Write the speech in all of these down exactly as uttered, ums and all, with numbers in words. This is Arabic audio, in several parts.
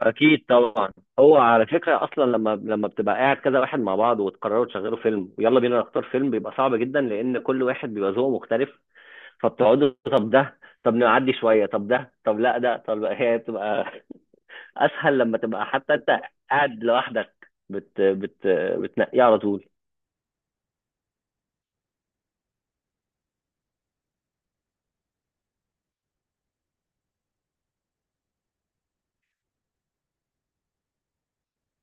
اكيد طبعا. هو على فكره اصلا لما لما بتبقى قاعد كذا واحد مع بعض وتقرروا تشغلوا فيلم ويلا بينا نختار فيلم، بيبقى صعب جدا لان كل واحد بيبقى ذوقه مختلف. فبتقعدوا طب ده، طب نعدي شويه، طب ده، طب لا ده، طب هي بتبقى اسهل لما تبقى حتى انت قاعد لوحدك بت بت بتنقيه على طول.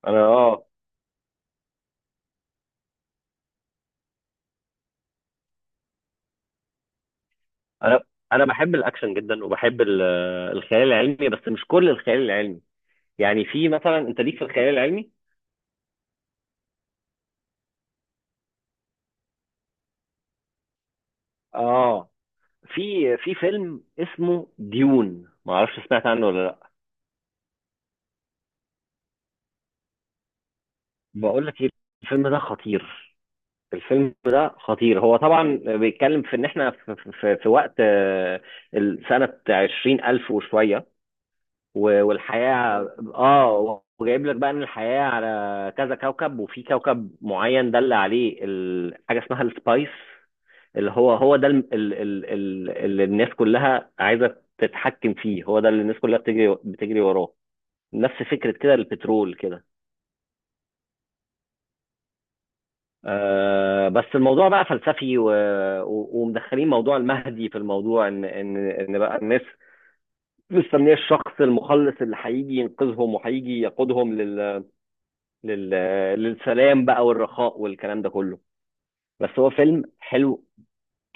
انا اه انا انا بحب الاكشن جدا، وبحب ال- الخيال العلمي بس مش كل الخيال العلمي. يعني في مثلا، انت ليك في الخيال العلمي؟ اه. في في فيلم اسمه ديون، ما اعرفش سمعت عنه ولا لا. بقول لك ايه، الفيلم ده خطير. الفيلم ده خطير. هو طبعا بيتكلم في ان احنا في, في, في وقت آه، سنة عشرين ألف وشوية، و- والحياة اه، وجايب لك بقى ان الحياة على كذا كوكب، وفي كوكب معين دل عليه ال- حاجة اسمها السبايس. اللي هو، هو ده ال- ال- ال- ال- اللي الناس كلها عايزة تتحكم فيه، هو ده اللي الناس كلها بتجري بتجري وراه. نفس فكرة كده البترول كده. آه بس الموضوع بقى فلسفي، و... و... ومدخلين موضوع المهدي في الموضوع، ان ان ان بقى الناس مستنيه الشخص المخلص اللي هيجي ينقذهم وهيجي يقودهم لل... لل... للسلام بقى والرخاء والكلام ده كله. بس هو فيلم حلو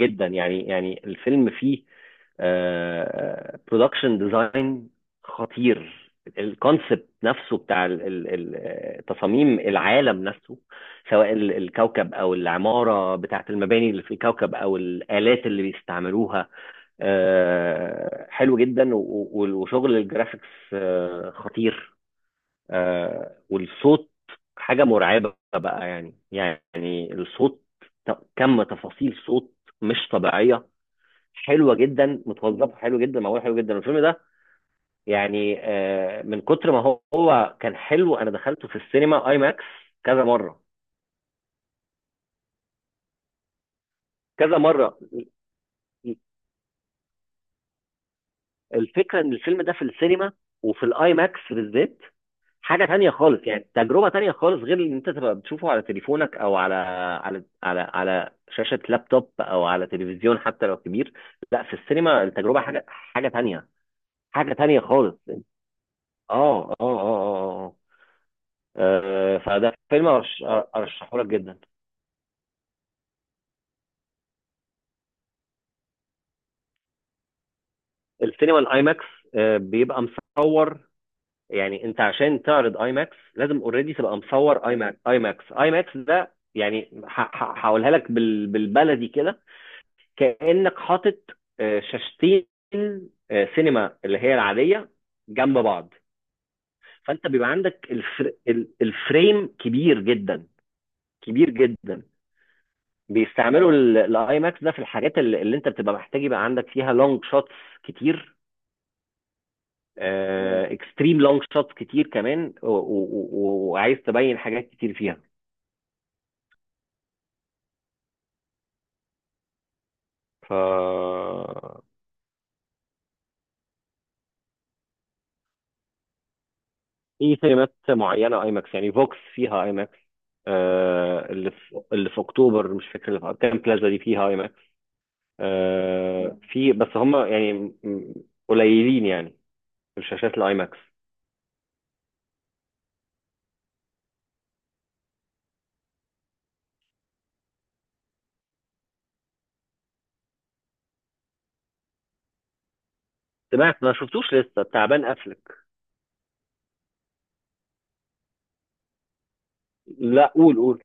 جدا. يعني يعني الفيلم فيه برودكشن ديزاين خطير. الكونسبت نفسه بتاع ال- ال- ال- آه، تصاميم العالم نفسه، سواء ال- الكوكب او العماره بتاعت المباني اللي في الكوكب او الالات اللي بيستعملوها. آه، حلو جدا و- و- وشغل الجرافيكس آه، خطير آه، والصوت حاجه مرعبه بقى. يعني يعني الصوت ت- كم تفاصيل صوت مش طبيعيه. حلوه جدا، متوظفه حلو جدا، معموله حلو جدا الفيلم ده. يعني آه، من كتر ما هو هو كان حلو انا دخلته في السينما اي ماكس كذا مره. كذا مره. الفكره ان الفيلم ده في السينما وفي الاي ماكس بالذات حاجه تانية خالص. يعني تجربه تانية خالص، غير ان انت تبقى بتشوفه على تليفونك او على على على على شاشه لابتوب او على تلفزيون حتى لو كبير. لا في السينما التجربه حاجه حاجه تانية. حاجه تانية خالص. اه اه اه اه آه. آه، فده فيلم، أرش- ارشحه لك جدا. السينما الاي ماكس آه، بيبقى مصور. يعني انت عشان تعرض اي ماكس لازم اوريدي تبقى مصور اي ماكس. اي ماكس اي ماكس ده يعني ه- ه- هقولها لك بال- بالبلدي كده. كانك حاطط آه، شاشتين آه، سينما اللي هي العاديه، جنب بعض. فانت بيبقى عندك الفر... ال- الفريم كبير جدا، كبير جدا. بيستعملوا الاي ماكس ده في الحاجات اللي, اللي انت بتبقى محتاج يبقى عندك فيها لونج شوتس كتير. مم. اكستريم لونج شوتس كتير كمان، و- و- و- وعايز تبين حاجات كتير فيها. ف في سينمات معينه اي ماكس، يعني فوكس فيها اي ماكس، آه، اللي في اللي في اكتوبر مش فاكر، اللي في كام بلازا دي فيها اي ماكس. آه، في بس هم يعني م- م- قليلين يعني الشاشات الاي ماكس. سمعت ما شفتوش لسه، تعبان قفلك. لا قول قول.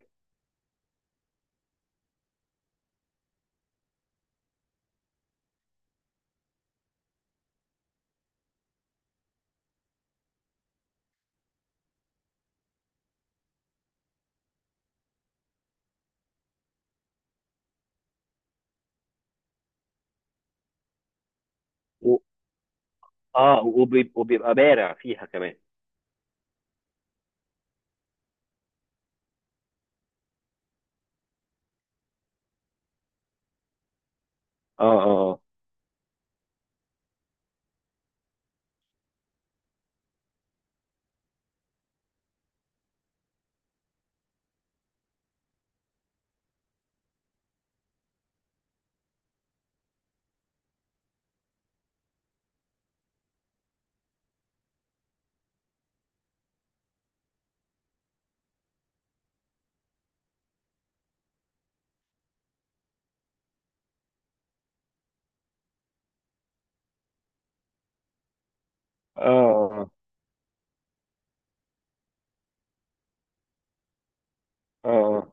اه، وبيب- وبيبقى بارع فيها كمان. اه اه اه. اه اه اه.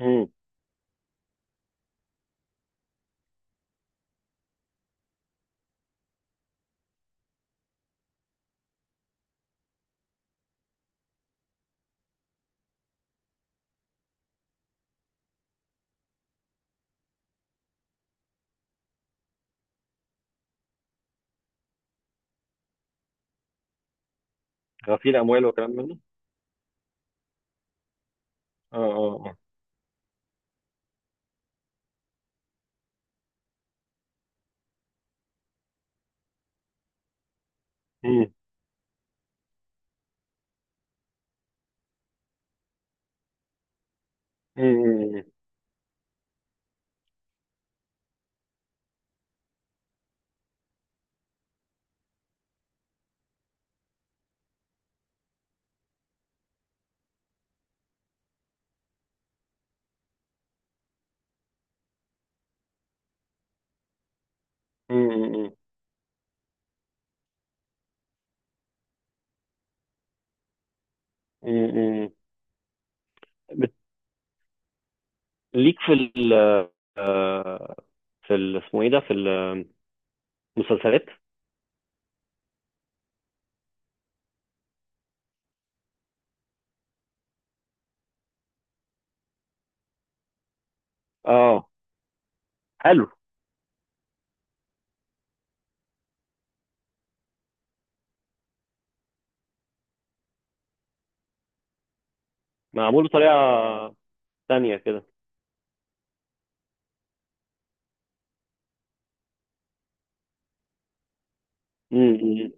امم. غسيل اموال وكلام منه. اه اه اه. امم. امم. امم. امم. بت- ليك في ال آه، في ال اسمه ايه ده في المسلسلات؟ اه حلو. معمول بطريقه تانية كده. امم.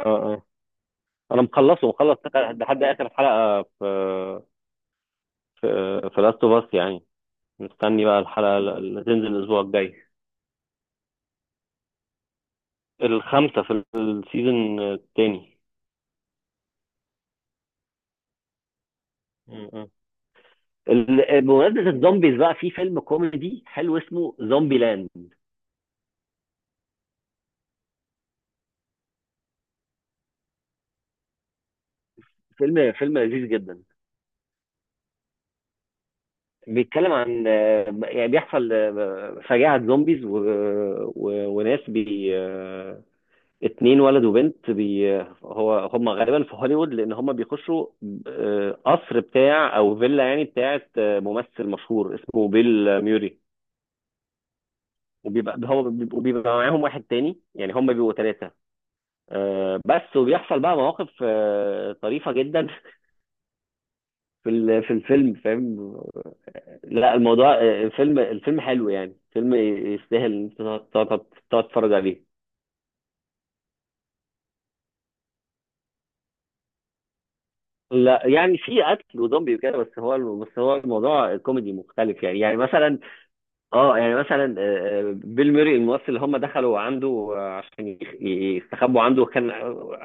اه اه. انا مخلصه مخلص لحد اخر حلقه في في في لاست اوف اس، يعني مستني بقى الحلقه اللي تنزل الاسبوع الجاي. الخمسة في السيزون التاني. م- م. ال- بمناسبة الزومبيز بقى، في فيلم كوميدي حلو اسمه زومبي لاند. فيلم فيلم لذيذ جدا. بيتكلم عن آه، يعني بيحصل آه، فجاعة زومبيز، و... و... وناس بي آه، اتنين ولد وبنت بي آه، هو هم غالبا في هوليوود لان هم بيخشوا آه، قصر بتاع او فيلا يعني بتاعت آه، ممثل مشهور اسمه بيل ميوري. وبيبقى هو بيبقوا بيبقى معاهم واحد تاني، يعني هم بيبقوا ثلاثة. آه، بس وبيحصل بقى مواقف آه، طريفة جدا في ال- في الفيلم، فاهم. لا الموضوع آه، الفيلم الفيلم حلو، يعني فيلم يستاهل ان انت تقعد تقعد- تقعد تتفرج عليه. لا يعني في قتل وزومبي وكده، بس هو، بس هو الموضوع كوميدي مختلف. يعني يعني مثلا اه، يعني مثلا آه، آه، بيل ميري الممثل اللي هم دخلوا عنده آه، عشان يخ- يستخبوا عنده، كان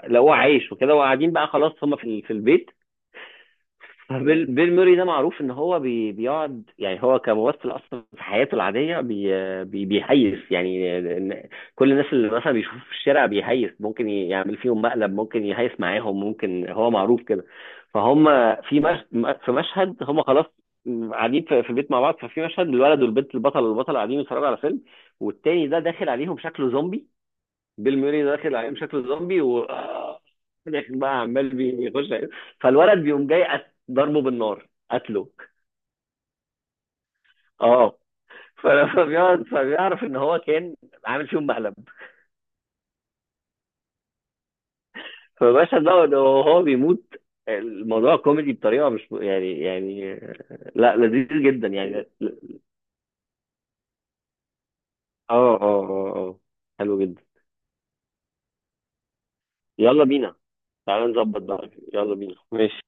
لقوه عايش وكده، وقاعدين بقى خلاص هم في ال- في البيت. بيل, بيل موري ده معروف ان هو بي بيقعد يعني هو كممثل اصلا في حياته العاديه بي بي بيهيس يعني إن- كل الناس اللي مثلا بيشوفه في الشارع بيهيس، ممكن يعمل فيهم مقلب، ممكن يهيس معاهم، ممكن، هو معروف كده. فهم في مش في مشهد هم خلاص قاعدين في في البيت مع بعض. ففي مشهد الولد والبنت، البطل والبطل قاعدين يتفرجوا على فيلم، والتاني ده داخل عليهم شكله زومبي. بيل موري داخل عليهم شكله زومبي و آه، في الاخر بقى عمال بيخش عليه. فالولد بيقوم جاي، قت- ضربه بالنار، قتله. اه. فلما بيقعد فبيعرف ان هو كان عامل فيهم مقلب. فباشا ده وهو بيموت. الموضوع كوميدي بطريقه مش يعني، يعني آه، لا لذيذ جدا، يعني اه. اه اه اه. حلو جدا. يلا بينا. تعالى نظبط بقى، يلا بينا ماشي،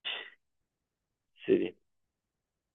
سيدي.